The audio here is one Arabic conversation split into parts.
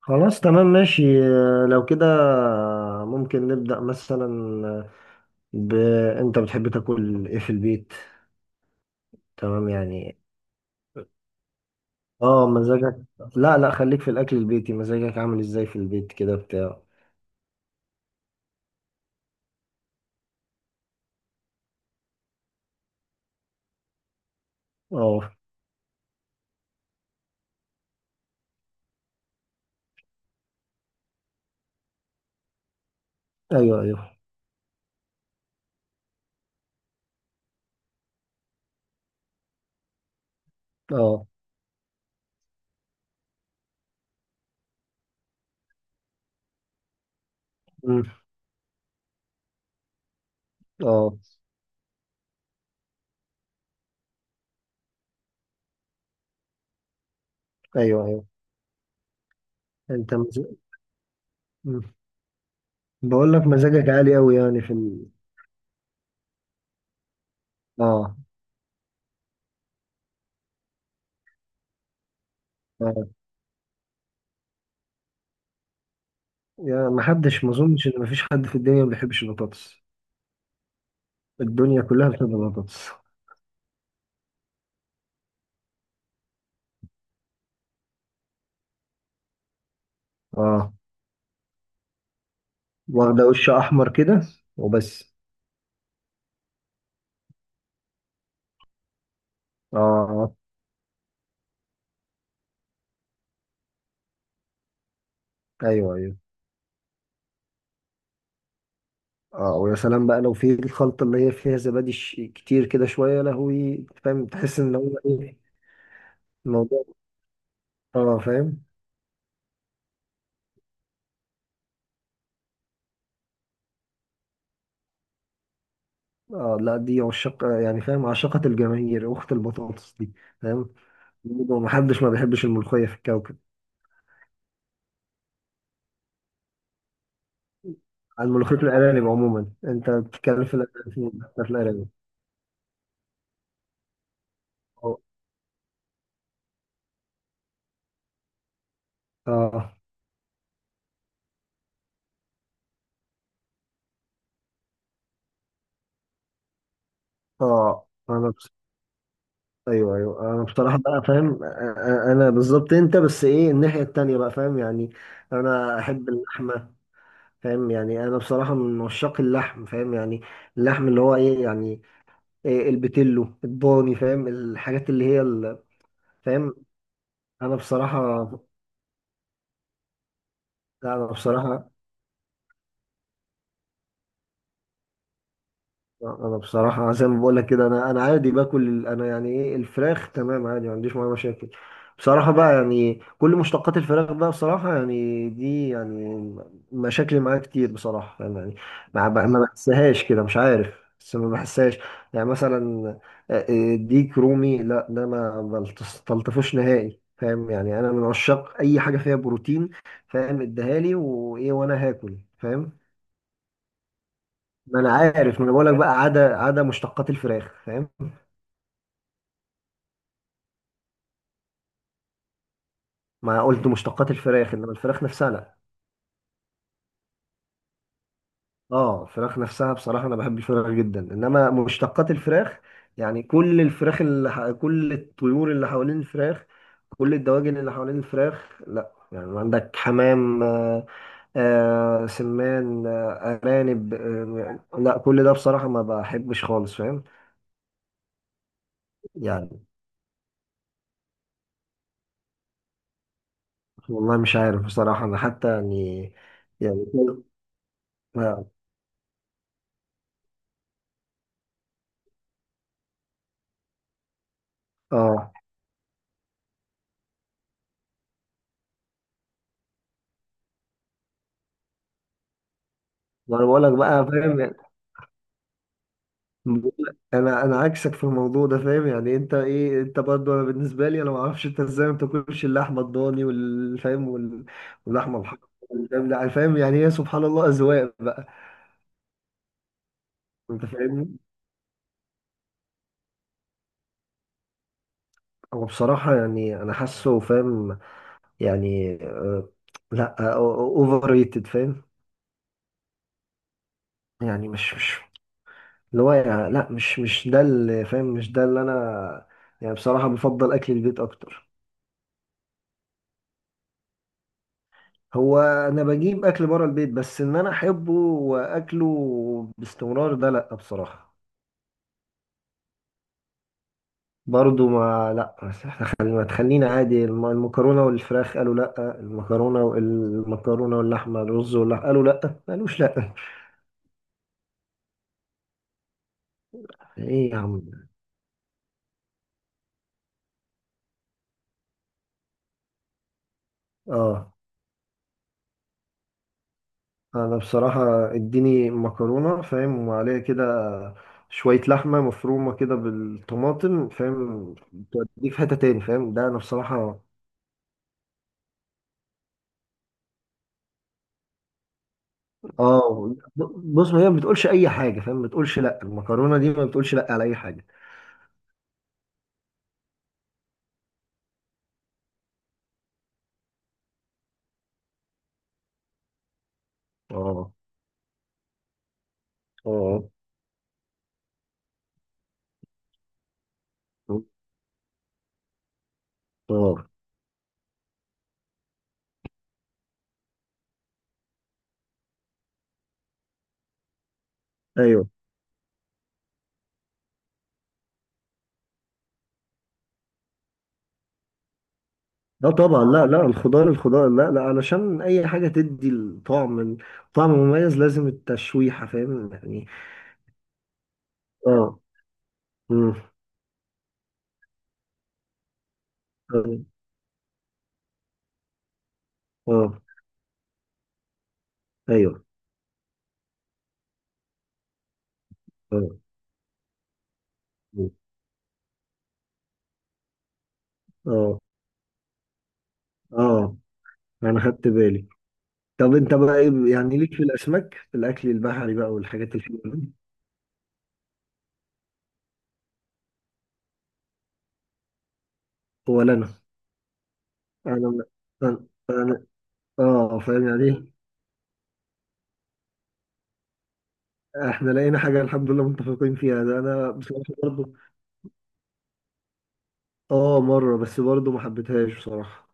خلاص، تمام، ماشي. آه، لو كده ممكن نبدأ مثلا ب... انت بتحب تاكل ايه في البيت؟ تمام يعني. اه مزاجك لا لا، خليك في الاكل البيتي. مزاجك عامل ازاي في البيت كده بتاع؟ اه. ايوه، ايوه. اه. أمم. اه. ايوه، ايوه. انت مز... أمم. بقول لك مزاجك عالي قوي يعني اه، اه. يعني ما اظنش ان ما فيش حد في الدنيا ما بيحبش البطاطس. الدنيا كلها بتحب البطاطس. اه، واخدة وش أحمر كده وبس. اه، أيوه، أيوه. اه، ويا سلام بقى لو في الخلطة اللي هي فيها زبادي كتير كده شوية، يا لهوي فاهم، تحس إن هو إيه الموضوع؟ اه فاهم. اه، لا دي عشاق يعني فاهم، عشاقة الجماهير أخت البطاطس دي. فاهم. محدش ما بيحبش الملوخية في الكوكب. عن ملوخية الأرانب عموما أنت بتتكلم، في الأرانب في الأرانب. اه، اه. آه. ايوه، ايوه. انا بصراحه بقى فاهم، انا بالظبط انت، بس ايه الناحيه التانية بقى فاهم يعني. انا احب اللحمه. فاهم يعني، انا بصراحه من عشاق اللحم فاهم يعني. اللحم اللي هو ايه يعني؟ إيه، البتلو، الضاني، فاهم الحاجات اللي هي فاهم. انا بصراحه. لا انا بصراحه. انا بصراحه زي ما بقول لك كده، انا عادي باكل انا يعني ايه الفراخ تمام عادي، ما عنديش معايا مشاكل. بصراحه بقى يعني كل مشتقات الفراخ بقى بصراحه يعني، دي يعني مشاكل معايا كتير بصراحه يعني. ما بحسهاش كده، مش عارف. بس ما بحسهاش. يعني مثلا ديك رومي، لا ده ما بلطفوش نهائي فاهم يعني. انا من عشاق اي حاجه فيها بروتين فاهم. اديها لي وايه وانا هاكل فاهم. ما انا عارف، ما انا بقول لك بقى، عدا مشتقات الفراخ فاهم. ما قلت مشتقات الفراخ، انما الفراخ نفسها لا. اه، الفراخ نفسها بصراحه انا بحب الفراخ جدا، انما مشتقات الفراخ يعني كل الفراخ كل الطيور اللي حوالين الفراخ، كل الدواجن اللي حوالين الفراخ، لا. يعني عندك حمام، آه، آه، سمان، آه، ارانب، آه، لا كل ده بصراحه ما بحبش خالص فاهم يعني. والله مش عارف بصراحه، انا حتى يعني يعني. اه، ما انا بقول لك بقى فاهم يعني. بقولك انا عكسك في الموضوع ده فاهم يعني. انت ايه، انت برضه، انا بالنسبه لي انا ما اعرفش انت ازاي ما بتاكلش اللحمه الضاني والفاهم واللحمه الحمراء والفاهم، لا، فاهم يعني هي سبحان الله اذواق بقى. انت فاهمني. هو بصراحه يعني انا حاسه فاهم يعني لا، اوفر ريتد فاهم. يعني مش اللي هو يعني، لا مش ده اللي فاهم، مش ده اللي انا يعني. بصراحه بفضل اكل البيت اكتر. هو انا بجيب اكل بره البيت، بس ان انا احبه واكله باستمرار ده لا بصراحه. برضو ما لا، بس احنا خلينا، ما تخلينا عادي المكرونه والفراخ قالوا لا، المكرونه والمكرونه واللحمه، الرز واللحمه، قالوا لا ما قالوش لا. ايه يا عم ده؟ اه انا بصراحه اديني مكرونه فاهم، وعليها كده شويه لحمه مفرومه كده بالطماطم فاهم، توديك في حته تاني فاهم، ده انا بصراحه. اه، بص، ما هي ما بتقولش اي حاجه فاهم، ما بتقولش لا، المكرونه دي ما بتقولش لا على اي حاجه. اه، اه، اه، ايوه. لا طبعا، لا لا الخضار، الخضار لا لا علشان اي حاجه تدي الطعم، طعم مميز لازم التشويحه فاهم يعني. اه. مم. اه. آه. ايوه. اه، اه، اه، انا خدت بالي. طب انت بقى يعني ليك في الاسماك، في الاكل البحري بقى والحاجات الحلوه دي؟ ولا. انا انا اه فاهم يعني ايه، احنا لقينا حاجة الحمد لله متفقين فيها، ده انا بصراحة برضو. اه، مرة بس برضو ما حبيتهاش بصراحة.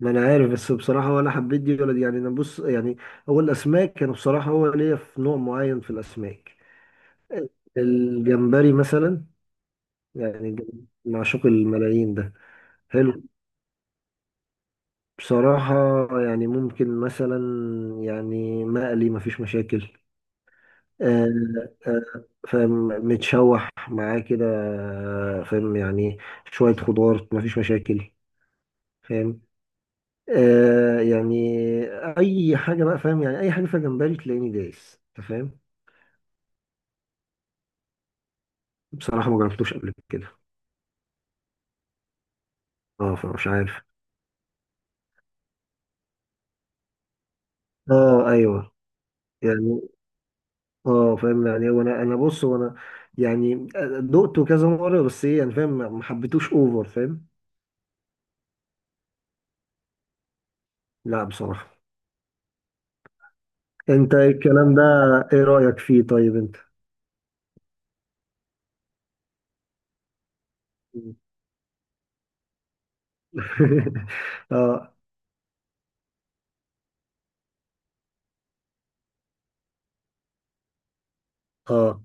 ما انا عارف، بس بصراحة ولا حبيت دي ولا دي يعني، انا بص يعني هو الاسماك كانوا بصراحة، هو ليا في نوع معين في الاسماك. الجمبري مثلا، يعني معشوق الملايين ده. حلو بصراحة. يعني ممكن مثلا، يعني مقلي مفيش مشاكل، آه، فاهم متشوح معاه كده فاهم يعني، شوية خضار مفيش مشاكل فاهم. يعني أي حاجة بقى فاهم يعني، أي حاجة فيها جمبري تلاقيني دايس أنت فاهم. بصراحة ما جربتوش قبل كده، اه فمش عارف. اه، ايوه. يعني اه فاهم يعني، هو انا بص هو انا يعني، دقته كذا مرة بس، ايه يعني فاهم ما حبيتوش اوفر فاهم. لا بصراحة. انت الكلام ده ايه رأيك فيه؟ طيب انت. اه، اه،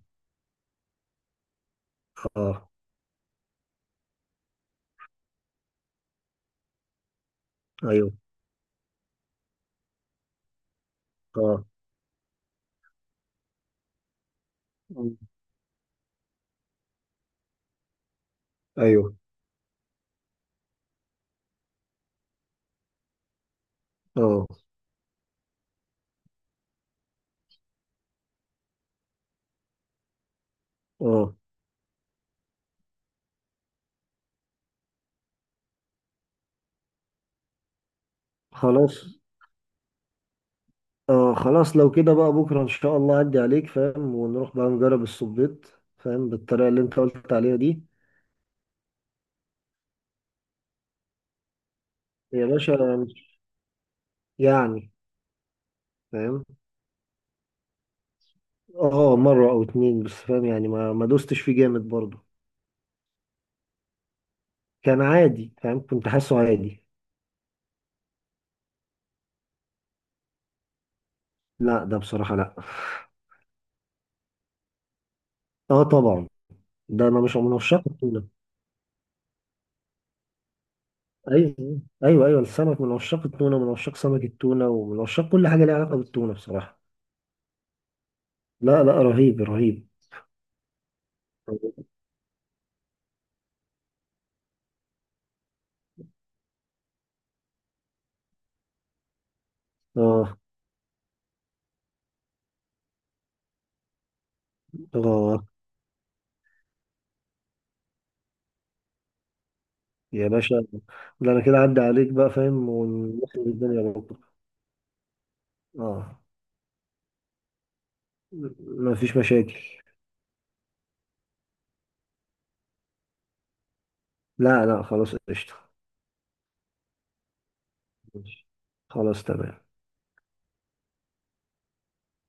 اه، ايوه، اه، مم، ايوه، اه، اه، خلاص. اه خلاص، لو كده بقى بكره ان شاء الله اعدي عليك فاهم ونروح بقى نجرب الصبيط فاهم، بالطريقه اللي انت قلت عليها دي. يا باشا يعني فاهم. اه، مره او اتنين بس فاهم يعني، ما دوستش فيه جامد برضه. كان عادي فاهم، كنت حاسه عادي. لا ده بصراحه لا. اه طبعا. ده انا مش من عشاق التونه. ايوه، ايوه، ايوه، السمك، من عشاق التونه ومن عشاق سمك التونه ومن عشاق كل حاجه ليها علاقه بالتونه بصراحه. لا لا، رهيب، رهيب. اه، اه. يا باشا، ده انا كده عدى عليك بقى فاهم، ونخرب الدنيا بكره. اه، مفيش مشاكل. لا لا خلاص، قشطه. ماشي. خلاص تمام